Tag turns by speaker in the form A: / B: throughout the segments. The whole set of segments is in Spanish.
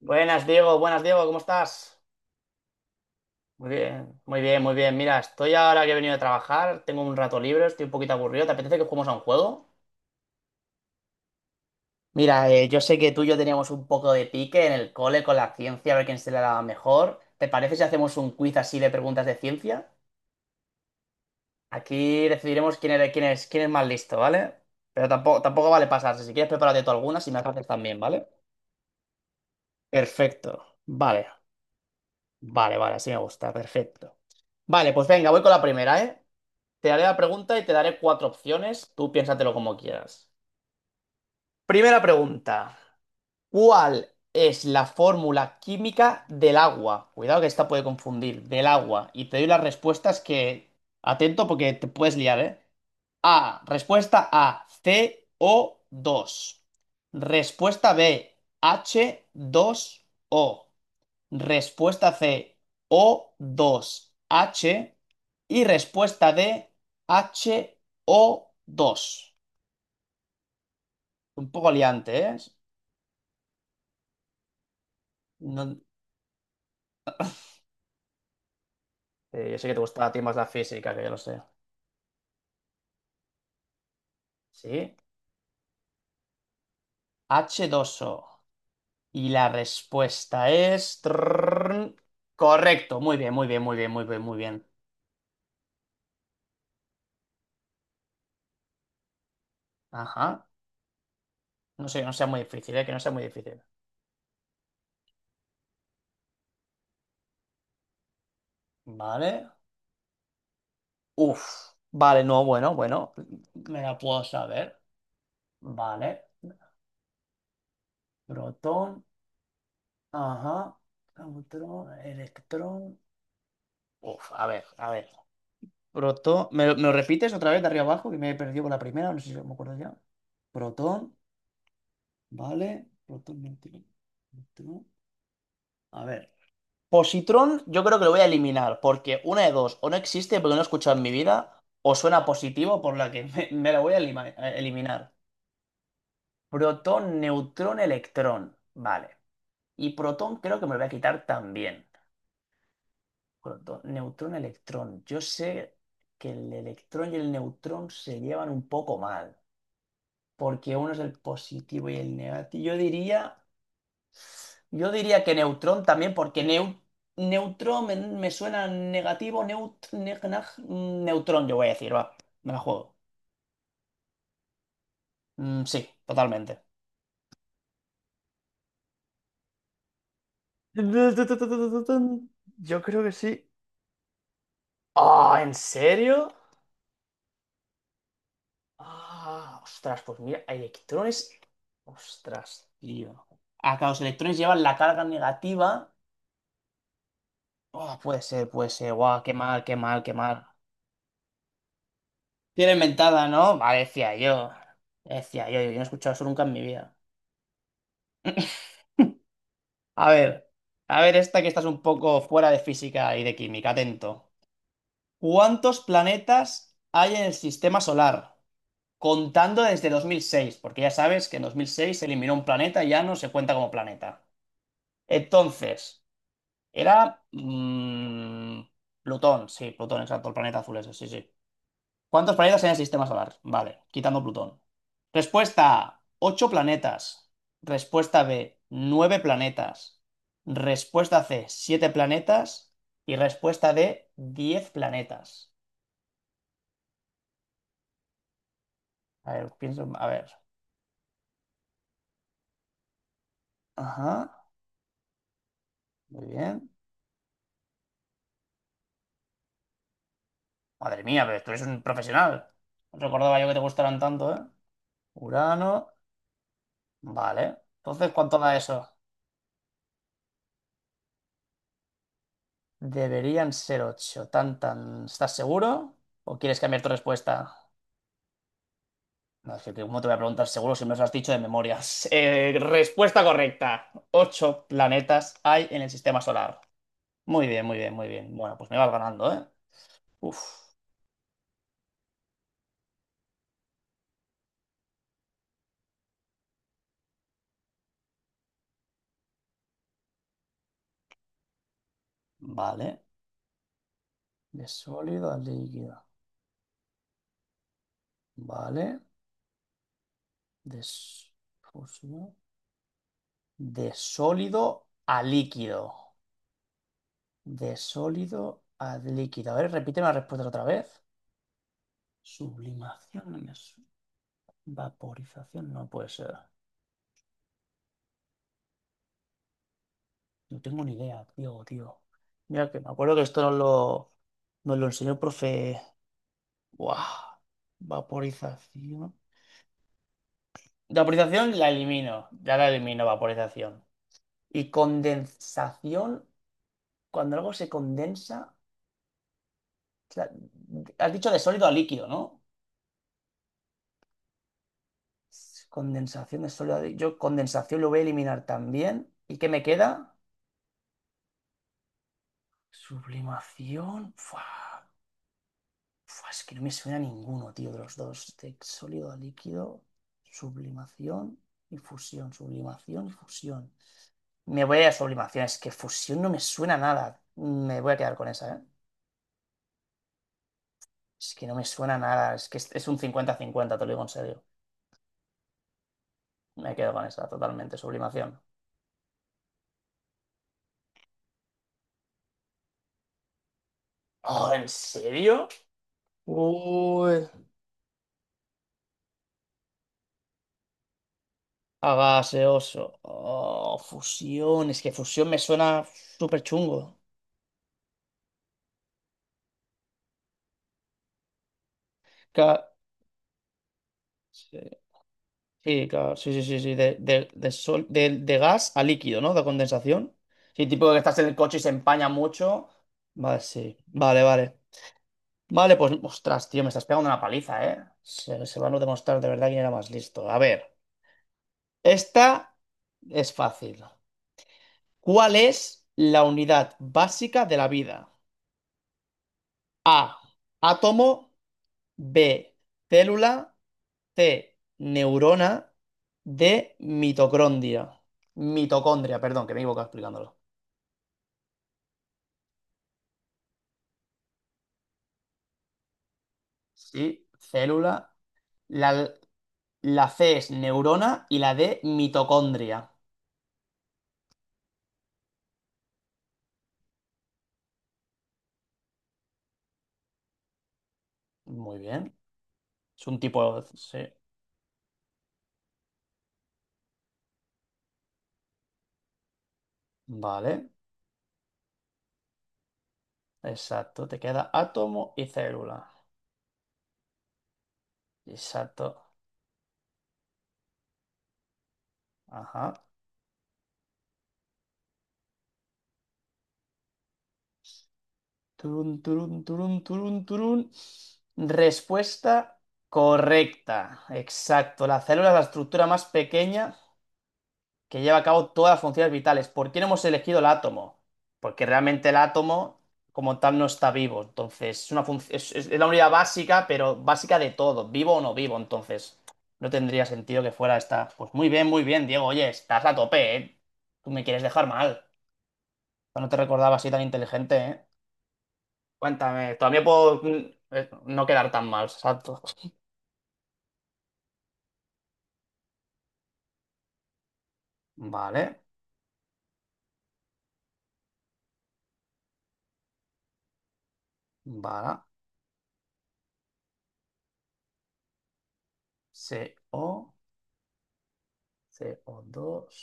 A: Buenas, Diego. Buenas, Diego. ¿Cómo estás? Muy bien, muy bien, muy bien. Mira, estoy ahora que he venido de trabajar, tengo un rato libre, estoy un poquito aburrido. ¿Te apetece que juguemos a un juego? Mira, yo sé que tú y yo teníamos un poco de pique en el cole con la ciencia, a ver quién se la daba mejor. ¿Te parece si hacemos un quiz así de preguntas de ciencia? Aquí decidiremos quién es quién es, quién es más listo, ¿vale? Pero tampoco vale pasarse. Si quieres, prepárate tú algunas si me las haces también, ¿vale? Perfecto. Vale, vale, así me gusta, perfecto. Vale, pues venga, voy con la primera, ¿eh? Te haré la pregunta y te daré cuatro opciones. Tú piénsatelo como quieras. Primera pregunta. ¿Cuál es la fórmula química del agua? Cuidado que esta puede confundir. Del agua. Y te doy las respuestas que... Atento porque te puedes liar, ¿eh? A. Respuesta A. CO2. Respuesta B. H2O. Respuesta C, o dos h. Y respuesta D, H O dos. Un poco liante, ¿eh? No- yo sé que te gusta a ti más la física, que yo lo sé. Sí, h dos o. Y la respuesta es... trrrrrn. Correcto, muy bien, muy bien, muy bien, muy bien, muy bien. Ajá. No sé, no sea muy difícil, ¿eh? Que no sea muy difícil. Vale. Uf. Vale, no, bueno, bueno. Me la puedo saber. Vale. Protón, ajá, neutrón, electrón. Uf, a ver, a ver. Protón, ¿me lo repites otra vez de arriba abajo? Que me he perdido por la primera, no sé si me acuerdo ya. Protón, vale. Protón, neutrón, electrón. A ver. Positrón, yo creo que lo voy a eliminar, porque una de dos, o no existe porque no he escuchado en mi vida, o suena positivo por la que me la voy a eliminar. Protón, neutrón, electrón. Vale. Y protón creo que me lo voy a quitar también. Neutrón, electrón. Yo sé que el electrón y el neutrón se llevan un poco mal, porque uno es el positivo y el negativo. Yo diría que neutrón también, neutrón me suena negativo, neutrón, yo voy a decir, va, me la juego. Mm, sí, totalmente. Yo creo que sí. ¡Ah! ¿En serio? Ah, ostras, pues mira, electrones. Ostras, tío. Acá los electrones llevan la carga negativa. Oh, puede ser, puede ser. Guau, qué mal, qué mal, qué mal. Tiene inventada, ¿no? Vale, decía yo. Decía yo, yo no he escuchado eso nunca en mi vida. A ver, a ver esta que estás un poco fuera de física y de química, atento. ¿Cuántos planetas hay en el sistema solar? Contando desde 2006, porque ya sabes que en 2006 se eliminó un planeta y ya no se cuenta como planeta. Entonces, era mm, Plutón, sí, Plutón, exacto, el planeta azul ese, sí, sí. ¿Cuántos planetas hay en el sistema solar? Vale, quitando Plutón. Respuesta A, 8 planetas. Respuesta B, 9 planetas. Respuesta C, 7 planetas. Y respuesta D, 10 planetas. A ver, pienso, a ver. Ajá, muy bien. Madre mía, pero tú eres un profesional. No recordaba yo que te gustaran tanto, ¿eh? Urano, vale. Entonces, ¿cuánto da eso? Deberían ser ocho. Tan, tan. ¿Estás seguro? ¿O quieres cambiar tu respuesta? No, es que ¿cómo te voy a preguntar seguro si me lo has dicho de memoria? Respuesta correcta. Ocho planetas hay en el sistema solar. Muy bien, muy bien, muy bien. Bueno, pues me vas ganando, ¿eh? Uf. Vale. De sólido a líquido. Vale. De, s- fusión. De sólido a líquido. De sólido a líquido. A ver, repíteme las respuestas otra vez. Sublimación. Vaporización no puede ser. No tengo ni idea, tío. Mira que me acuerdo que esto nos lo enseñó el profe. Buah. Vaporización. Vaporización la elimino. Ya la elimino, vaporización. Y condensación, cuando algo se condensa. O sea, has dicho de sólido a líquido, ¿no? Condensación de sólido a líquido. Yo condensación lo voy a eliminar también. ¿Y qué me queda? Sublimación. Fua. Fua, es que no me suena ninguno, tío, de los dos. De sólido a líquido, sublimación y fusión. Sublimación y fusión. Me voy a sublimación, es que fusión no me suena a nada. Me voy a quedar con esa, ¿eh? Es que no me suena a nada, es que es un cincuenta cincuenta, te lo digo en serio. Me quedo con esa, totalmente, sublimación. Oh, ¿en serio? Uy, a gaseoso. Oh, fusión, es que fusión me suena súper chungo. Sí, claro, sí, sí, sí, sí, de gas a líquido, ¿no? De condensación. Sí, tipo que estás en el coche y se empaña mucho. Vale, sí, vale, vale. Vale, pues, ostras, tío, me estás pegando una paliza, ¿eh? Se van a no demostrar de verdad quién era más listo. A ver, esta es fácil. ¿Cuál es la unidad básica de la vida? A, átomo, B, célula, C, neurona, D, mitocondria. Mitocondria, perdón, que me he equivocado explicándolo. Sí, célula. La, la C es neurona y la D, mitocondria. Muy bien. Es un tipo... Sí. Vale. Exacto. Te queda átomo y célula. Exacto. Ajá. Turun, turun, turun, turun, turun. Respuesta correcta. Exacto. La célula es la estructura más pequeña que lleva a cabo todas las funciones vitales. ¿Por qué no hemos elegido el átomo? Porque realmente el átomo como tal no está vivo. Entonces, es una func- es la unidad básica, pero básica de todo, vivo o no vivo. Entonces, no tendría sentido que fuera esta. Pues muy bien, Diego. Oye, estás a tope, ¿eh? Tú me quieres dejar mal. No te recordaba así tan inteligente, ¿eh? Cuéntame, todavía puedo no quedar tan mal, exacto. Vale, vale. CO, CO2.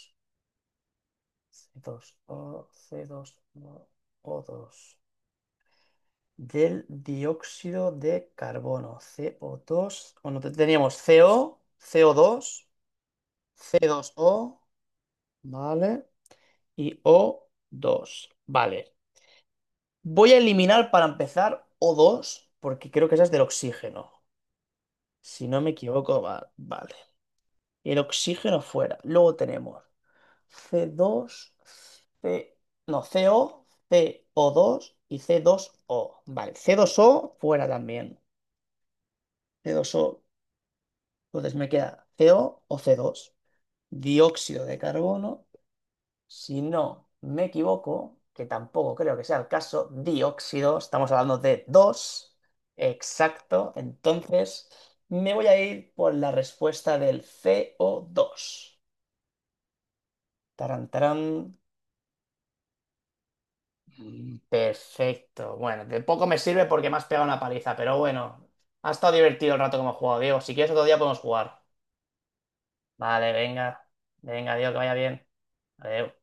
A: C dos o, c dos o dos. Del dióxido de carbono, co dos. Bueno, teníamos CO, co dos, c dos O, ¿vale? Y o dos, ¿vale? Voy a eliminar para empezar o dos porque creo que esa es del oxígeno. Si no me equivoco, vale. El oxígeno fuera. Luego tenemos c dos, C, no, CO, co dos y c dos o. Vale, c dos o fuera también. C dos o, entonces me queda CO o c dos. Dióxido de carbono, si no me equivoco, que tampoco creo que sea el caso, dióxido, estamos hablando de dos. Exacto, entonces me voy a ir por la respuesta del co dos. Tarán, tarán. Mm, perfecto. Bueno, de poco me sirve porque me has pegado una paliza, pero bueno, ha estado divertido el rato que hemos jugado, Diego. Si quieres otro día podemos jugar. Vale, venga. Venga, Diego, que vaya bien. Adiós.